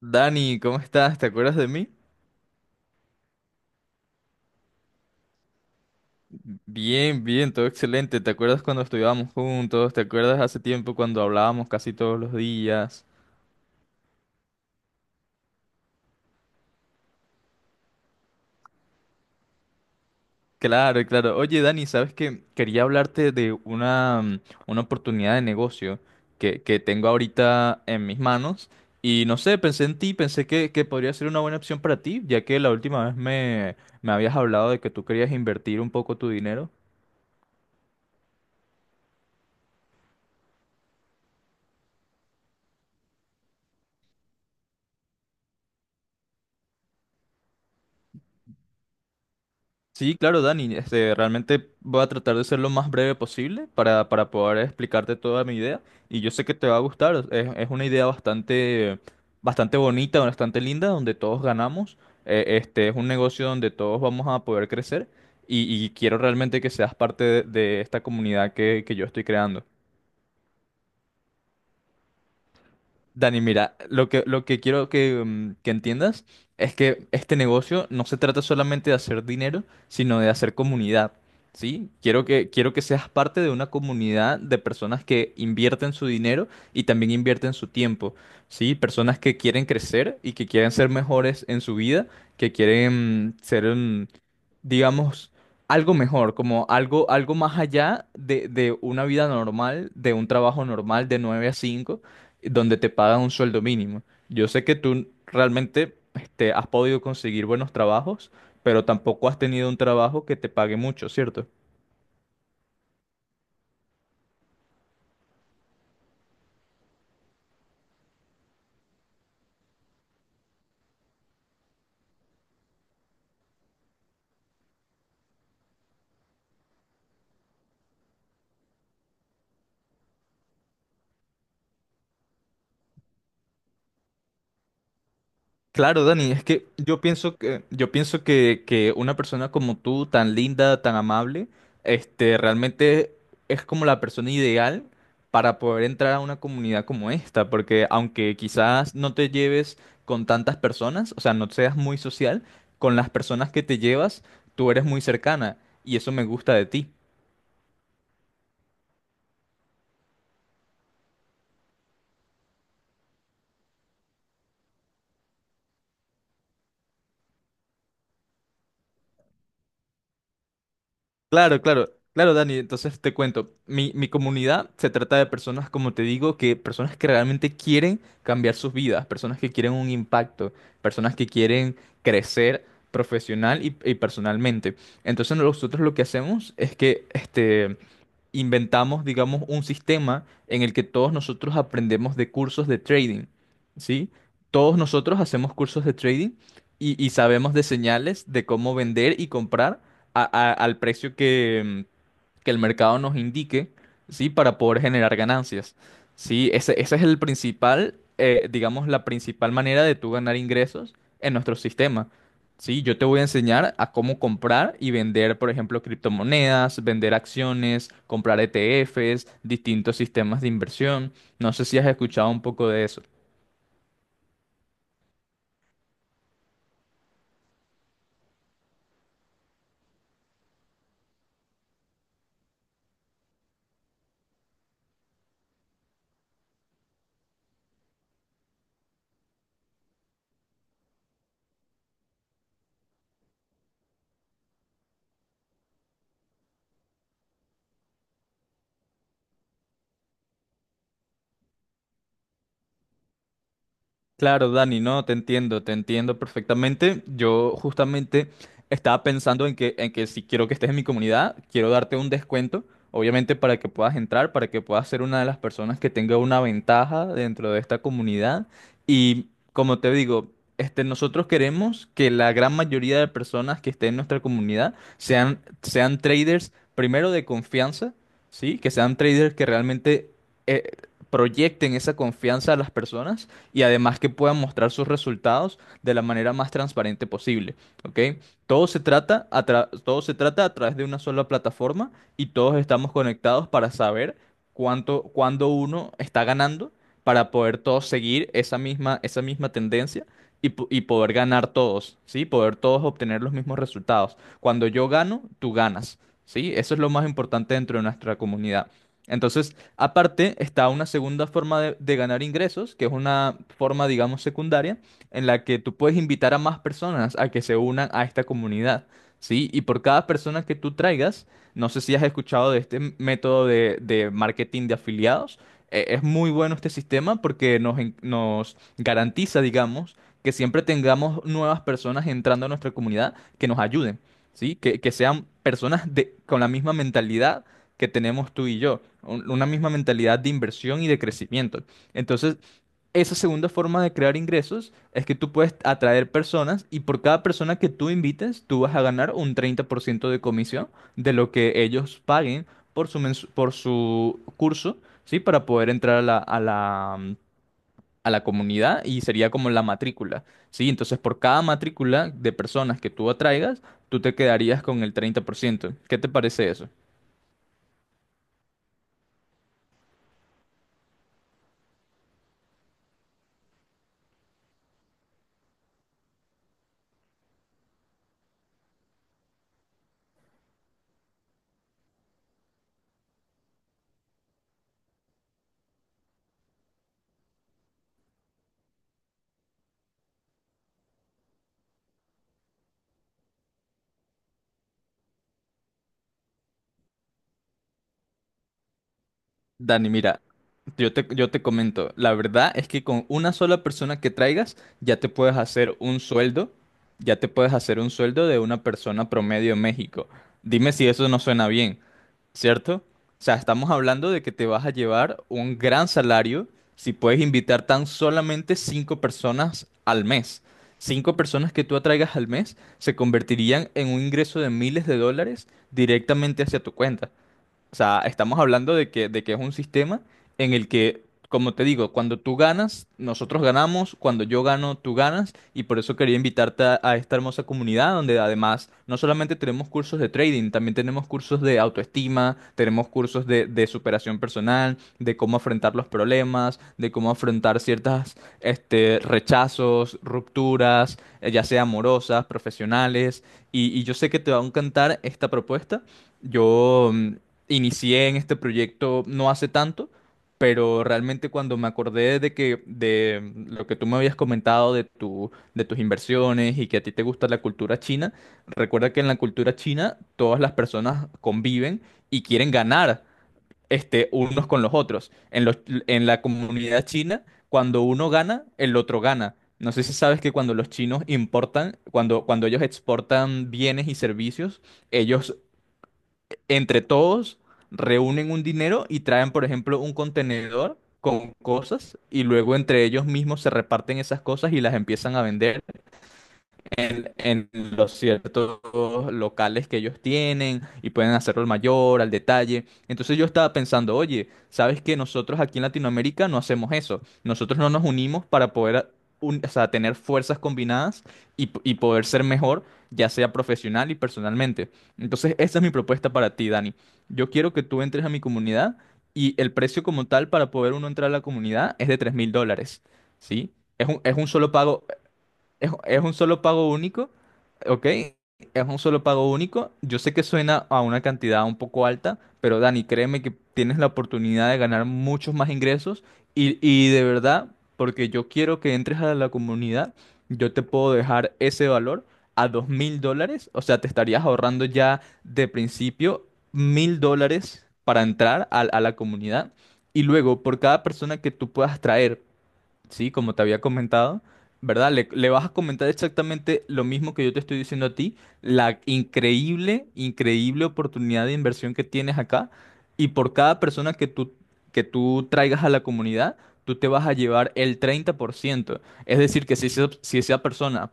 Dani, ¿cómo estás? ¿Te acuerdas de mí? Bien, bien, todo excelente. ¿Te acuerdas cuando estudiábamos juntos? ¿Te acuerdas hace tiempo cuando hablábamos casi todos los días? Claro, claro. Oye, Dani, ¿sabes qué? Quería hablarte de una una oportunidad de negocio que tengo ahorita en mis manos. Y no sé, pensé en ti, pensé que podría ser una buena opción para ti, ya que la última vez me habías hablado de que tú querías invertir un poco tu dinero. Sí, claro, Dani. Este, realmente voy a tratar de ser lo más breve posible para poder explicarte toda mi idea. Y yo sé que te va a gustar. Es una idea bastante, bastante bonita, bastante linda, donde todos ganamos. Este es un negocio donde todos vamos a poder crecer. Y quiero realmente que seas parte de esta comunidad que yo estoy creando. Dani, mira, lo que quiero que entiendas es que este negocio no se trata solamente de hacer dinero, sino de hacer comunidad, ¿sí? Quiero que seas parte de una comunidad de personas que invierten su dinero y también invierten su tiempo, ¿sí? Personas que quieren crecer y que quieren ser mejores en su vida, que quieren ser, digamos, algo mejor, como algo más allá de una vida normal, de un trabajo normal de 9 a 5 donde te pagan un sueldo mínimo. Yo sé que tú realmente este, has podido conseguir buenos trabajos, pero tampoco has tenido un trabajo que te pague mucho, ¿cierto? Claro, Dani, es que yo pienso que una persona como tú, tan linda, tan amable, este, realmente es como la persona ideal para poder entrar a una comunidad como esta, porque aunque quizás no te lleves con tantas personas, o sea, no seas muy social, con las personas que te llevas, tú eres muy cercana y eso me gusta de ti. Claro, claro, claro, Dani. Entonces te cuento, mi comunidad se trata de personas, como te digo, que personas que realmente quieren cambiar sus vidas, personas que quieren un impacto, personas que quieren crecer profesional y personalmente. Entonces nosotros lo que hacemos es que, este, inventamos, digamos, un sistema en el que todos nosotros aprendemos de cursos de trading, ¿sí? Todos nosotros hacemos cursos de trading y sabemos de señales de cómo vender y comprar al precio que el mercado nos indique, ¿sí? Para poder generar ganancias, ¿sí? Ese es el principal, digamos, la principal manera de tú ganar ingresos en nuestro sistema, ¿sí? Yo te voy a enseñar a cómo comprar y vender, por ejemplo, criptomonedas, vender acciones, comprar ETFs, distintos sistemas de inversión. No sé si has escuchado un poco de eso. Claro, Dani, no, te entiendo perfectamente. Yo justamente estaba pensando en que si quiero que estés en mi comunidad, quiero darte un descuento, obviamente para que puedas entrar, para que puedas ser una de las personas que tenga una ventaja dentro de esta comunidad. Y como te digo, este, nosotros queremos que la gran mayoría de personas que estén en nuestra comunidad sean traders, primero de confianza, ¿sí? Que sean traders que realmente eh, proyecten esa confianza a las personas y además que puedan mostrar sus resultados de la manera más transparente posible, ¿ok? Todo se trata a través de una sola plataforma y todos estamos conectados para saber cuándo uno está ganando para poder todos seguir esa misma tendencia y poder ganar todos, ¿sí? Poder todos obtener los mismos resultados. Cuando yo gano, tú ganas, ¿sí? Eso es lo más importante dentro de nuestra comunidad. Entonces, aparte, está una segunda forma de ganar ingresos, que es una forma, digamos, secundaria, en la que tú puedes invitar a más personas a que se unan a esta comunidad, ¿sí? Y por cada persona que tú traigas, no sé si has escuchado de este método de marketing de afiliados, es muy bueno este sistema porque nos garantiza, digamos, que siempre tengamos nuevas personas entrando a nuestra comunidad que nos ayuden, ¿sí? Que sean personas de, con la misma mentalidad que tenemos tú y yo, una misma mentalidad de inversión y de crecimiento. Entonces, esa segunda forma de crear ingresos es que tú puedes atraer personas y por cada persona que tú invites, tú vas a ganar un 30% de comisión de lo que ellos paguen por por su curso, ¿sí? Para poder entrar a a la comunidad y sería como la matrícula, ¿sí? Entonces, por cada matrícula de personas que tú atraigas, tú te quedarías con el 30%. ¿Qué te parece eso? Dani, mira, yo te comento, la verdad es que con una sola persona que traigas ya te puedes hacer un sueldo, ya te puedes hacer un sueldo de una persona promedio en México. Dime si eso no suena bien, ¿cierto? O sea, estamos hablando de que te vas a llevar un gran salario si puedes invitar tan solamente 5 personas al mes. Cinco personas que tú atraigas al mes se convertirían en un ingreso de miles de dólares directamente hacia tu cuenta. O sea, estamos hablando de que es un sistema en el que, como te digo, cuando tú ganas, nosotros ganamos, cuando yo gano, tú ganas, y por eso quería invitarte a esta hermosa comunidad donde además no solamente tenemos cursos de trading, también tenemos cursos de autoestima, tenemos cursos de superación personal, de cómo afrontar los problemas, de cómo afrontar ciertas, este, rechazos, rupturas, ya sea amorosas, profesionales, y yo sé que te va a encantar esta propuesta. Yo inicié en este proyecto no hace tanto, pero realmente cuando me acordé de que de lo que tú me habías comentado de tu de tus inversiones y que a ti te gusta la cultura china, recuerda que en la cultura china todas las personas conviven y quieren ganar este unos con los otros. En la comunidad china, cuando uno gana, el otro gana. No sé si sabes que cuando los chinos importan, cuando ellos exportan bienes y servicios, ellos entre todos reúnen un dinero y traen, por ejemplo, un contenedor con cosas y luego entre ellos mismos se reparten esas cosas y las empiezan a vender en los ciertos locales que ellos tienen y pueden hacerlo al mayor, al detalle. Entonces yo estaba pensando, oye, ¿sabes que Nosotros aquí en Latinoamérica no hacemos eso. Nosotros no nos unimos para poder o sea, tener fuerzas combinadas y poder ser mejor, ya sea profesional y personalmente. Entonces esa es mi propuesta para ti, Dani. Yo quiero que tú entres a mi comunidad y el precio como tal para poder uno entrar a la comunidad es de $3000, ¿sí? Es un solo pago, es un solo pago único, ¿ok? Es un solo pago único. Yo sé que suena a una cantidad un poco alta, pero Dani, créeme que tienes la oportunidad de ganar muchos más ingresos y de verdad, porque yo quiero que entres a la comunidad, yo te puedo dejar ese valor a $2000. O sea, te estarías ahorrando ya de principio $1000 para entrar a la comunidad. Y luego, por cada persona que tú puedas traer. Sí, como te había comentado, ¿verdad? Le vas a comentar exactamente lo mismo que yo te estoy diciendo a ti, la increíble, increíble oportunidad de inversión que tienes acá y por cada persona que tú traigas a la comunidad, tú te vas a llevar el 30%. Es decir, que si esa persona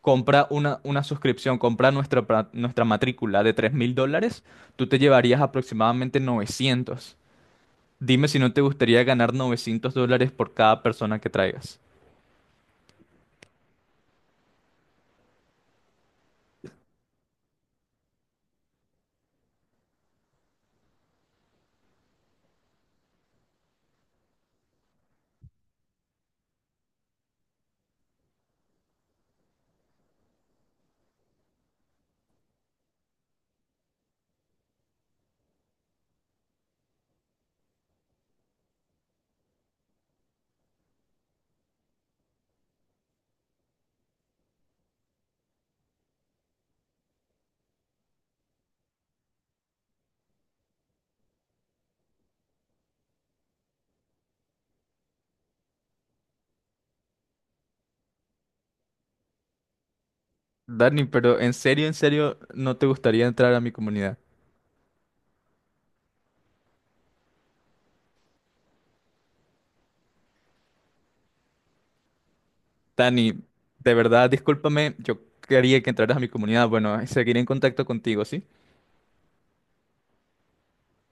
compra una suscripción, compra nuestra matrícula de $3000, tú te llevarías aproximadamente 900. Dime si no te gustaría ganar $900 por cada persona que traigas. Dani, pero en serio, ¿no te gustaría entrar a mi comunidad? Dani, de verdad, discúlpame, yo quería que entraras a mi comunidad. Bueno, seguiré en contacto contigo, ¿sí?